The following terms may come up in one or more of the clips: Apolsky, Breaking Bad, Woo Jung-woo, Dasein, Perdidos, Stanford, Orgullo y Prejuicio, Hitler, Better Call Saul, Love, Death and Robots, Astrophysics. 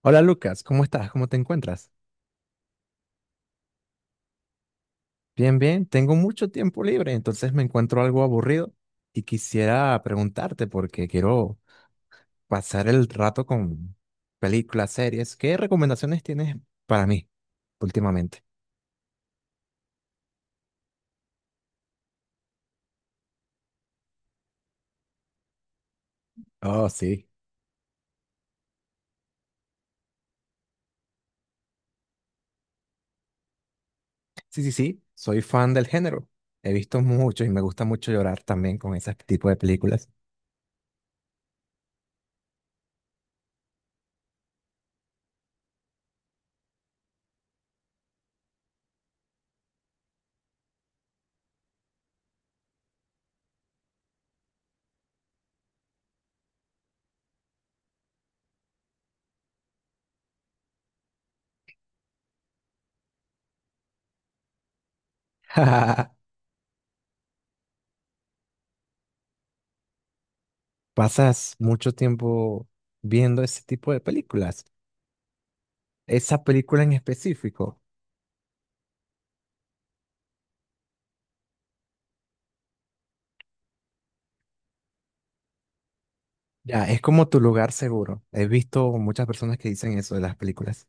Hola Lucas, ¿cómo estás? ¿Cómo te encuentras? Bien, tengo mucho tiempo libre, entonces me encuentro algo aburrido y quisiera preguntarte porque quiero pasar el rato con películas, series. ¿Qué recomendaciones tienes para mí últimamente? Oh, sí. Sí, soy fan del género. He visto mucho y me gusta mucho llorar también con ese tipo de películas. ¿Pasas mucho tiempo viendo ese tipo de películas? ¿Esa película en específico? Ya, es como tu lugar seguro. He visto muchas personas que dicen eso de las películas.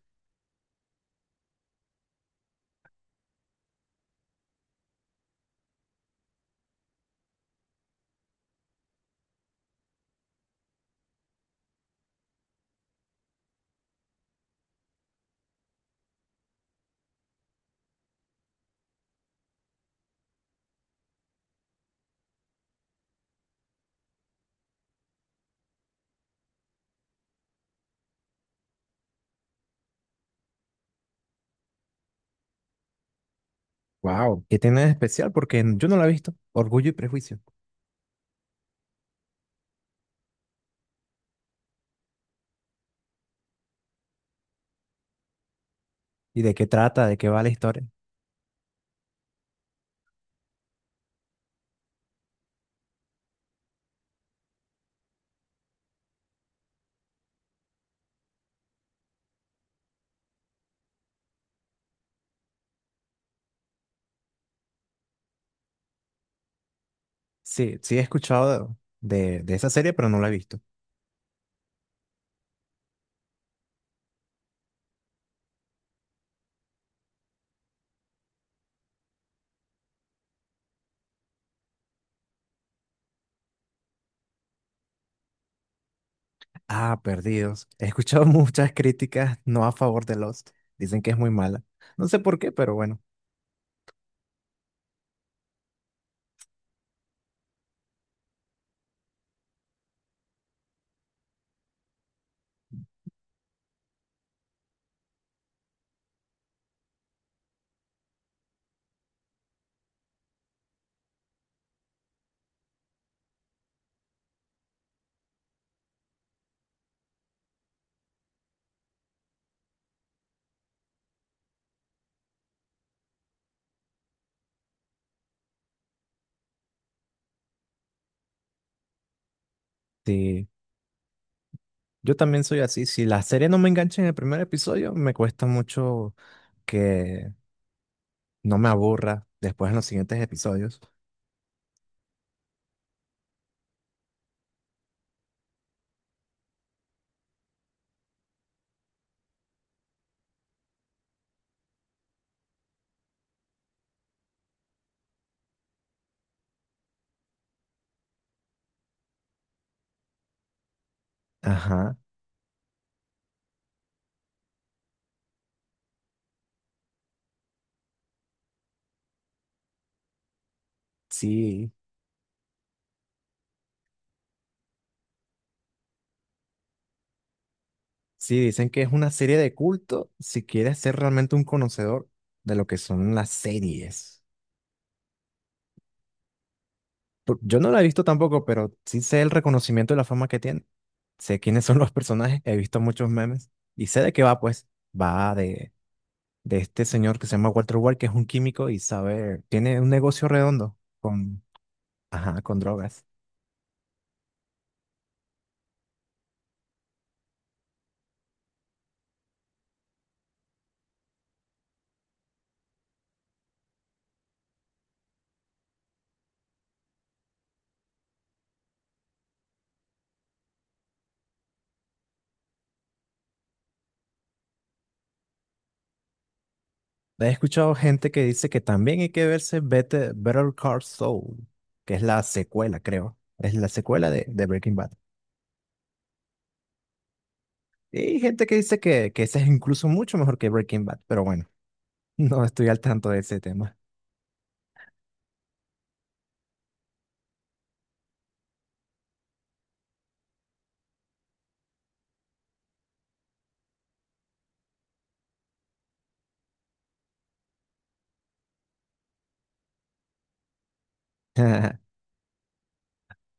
Wow, ¿qué tiene de especial? Porque yo no la he visto. Orgullo y Prejuicio. ¿Y de qué trata? ¿De qué va la historia? Sí, sí he escuchado de esa serie, pero no la he visto. Ah, Perdidos. He escuchado muchas críticas no a favor de Lost. Dicen que es muy mala. No sé por qué, pero bueno. Sí, yo también soy así. Si la serie no me engancha en el primer episodio, me cuesta mucho que no me aburra después en los siguientes episodios. Ajá, sí, sí, dicen que es una serie de culto si quieres ser realmente un conocedor de lo que son las series. Yo no la he visto tampoco, pero sí sé el reconocimiento y la fama que tiene. Sé quiénes son los personajes, he visto muchos memes y sé de qué va, pues. Va de este señor que se llama Walter White, que es un químico y sabe, tiene un negocio redondo con, ajá, con drogas. He escuchado gente que dice que también hay que verse Better Call Saul, que es la secuela, creo. Es la secuela de Breaking Bad. Y gente que dice que esa es incluso mucho mejor que Breaking Bad, pero bueno, no estoy al tanto de ese tema.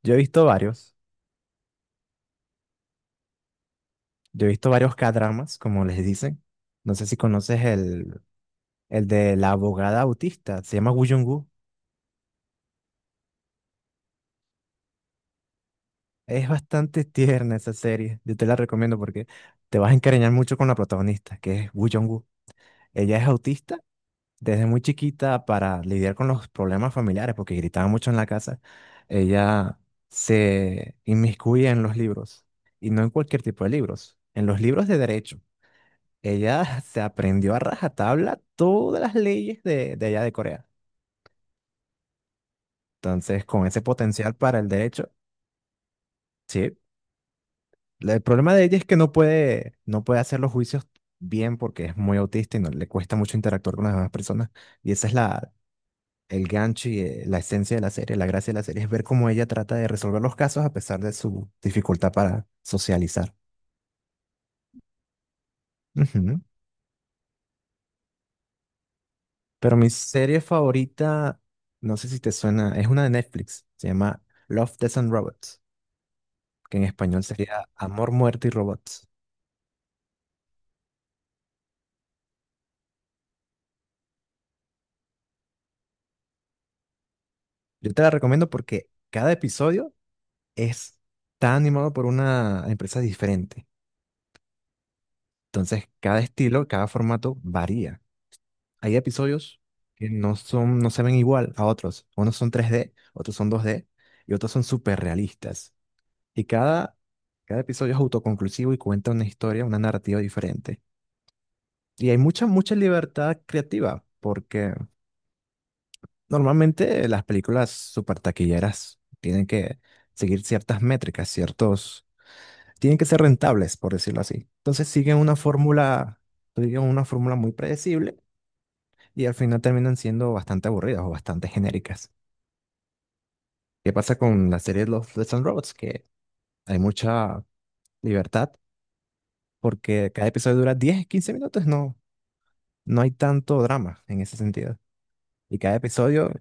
Yo he visto varios, yo he visto varios K-dramas, como les dicen. No sé si conoces el de la abogada autista, se llama Woo Jung-woo. Es bastante tierna esa serie, yo te la recomiendo porque te vas a encariñar mucho con la protagonista, que es Woo Jung-woo. Ella es autista desde muy chiquita para lidiar con los problemas familiares, porque gritaba mucho en la casa, ella se inmiscuye en los libros, y no en cualquier tipo de libros, en los libros de derecho. Ella se aprendió a rajatabla todas las leyes de allá de Corea. Entonces, con ese potencial para el derecho, sí. El problema de ella es que no puede hacer los juicios bien porque es muy autista y no, le cuesta mucho interactuar con las demás personas. Y esa es el gancho y la esencia de la serie, la gracia de la serie es ver cómo ella trata de resolver los casos a pesar de su dificultad para socializar. Ujú. Pero mi serie favorita, no sé si te suena, es una de Netflix, se llama Love, Death and Robots, que en español sería Amor, Muerte y Robots. Yo te la recomiendo porque cada episodio es, está animado por una empresa diferente. Entonces, cada estilo, cada formato varía. Hay episodios que no son, no se ven igual a otros. Unos son 3D, otros son 2D y otros son súper realistas. Y cada episodio es autoconclusivo y cuenta una historia, una narrativa diferente. Y hay mucha libertad creativa, porque normalmente las películas super taquilleras tienen que seguir ciertas métricas, ciertos... Tienen que ser rentables, por decirlo así. Entonces siguen una fórmula, digamos, una fórmula muy predecible y al final terminan siendo bastante aburridas o bastante genéricas. ¿Qué pasa con la serie de los Death and Robots? Que hay mucha libertad porque cada episodio dura 10 15 minutos. No, no hay tanto drama en ese sentido. Y cada episodio,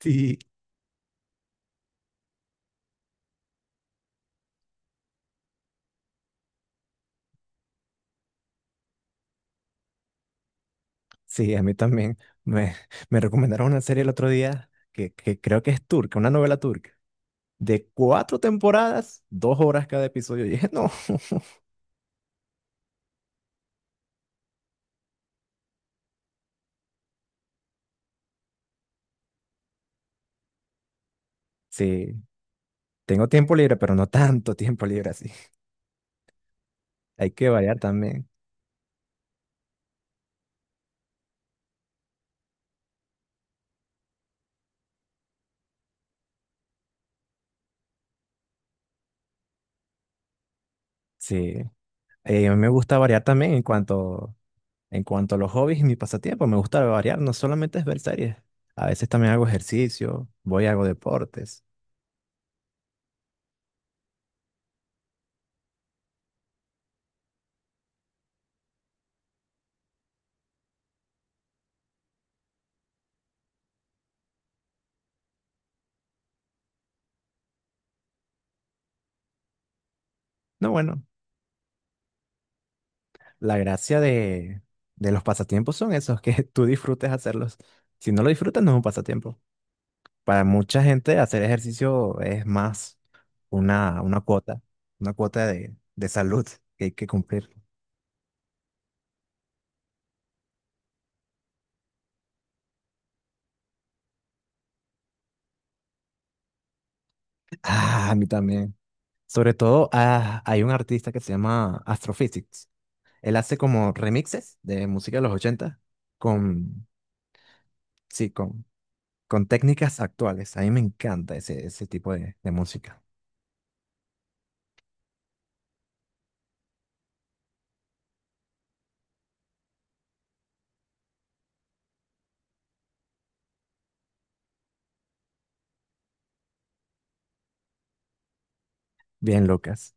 sí, sí, a mí también. Me, me recomendaron una serie el otro día que creo que es turca, una novela turca, de 4 temporadas, 2 horas cada episodio. Y dije, no, sí, tengo tiempo libre, pero no tanto tiempo libre así. Hay que variar también. Sí, a mí me gusta variar también En cuanto a los hobbies y mi pasatiempo, me gusta variar, no solamente es ver series, a veces también hago ejercicio, voy y hago deportes. No, bueno, la gracia de los pasatiempos son esos, que tú disfrutes hacerlos. Si no lo disfrutas, no es un pasatiempo. Para mucha gente, hacer ejercicio es más una, una cuota, una cuota de salud que hay que cumplir. Ah, a mí también. Sobre todo, ah, hay un artista que se llama Astrophysics. Él hace como remixes de música de los 80 con, sí, con técnicas actuales. A mí me encanta ese tipo de música. Bien locas.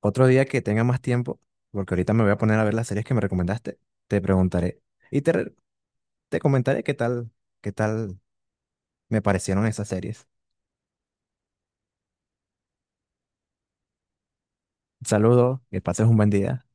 Otro día que tenga más tiempo, porque ahorita me voy a poner a ver las series que me recomendaste, te preguntaré y te comentaré qué tal me parecieron esas series. Saludos, que pases un buen día.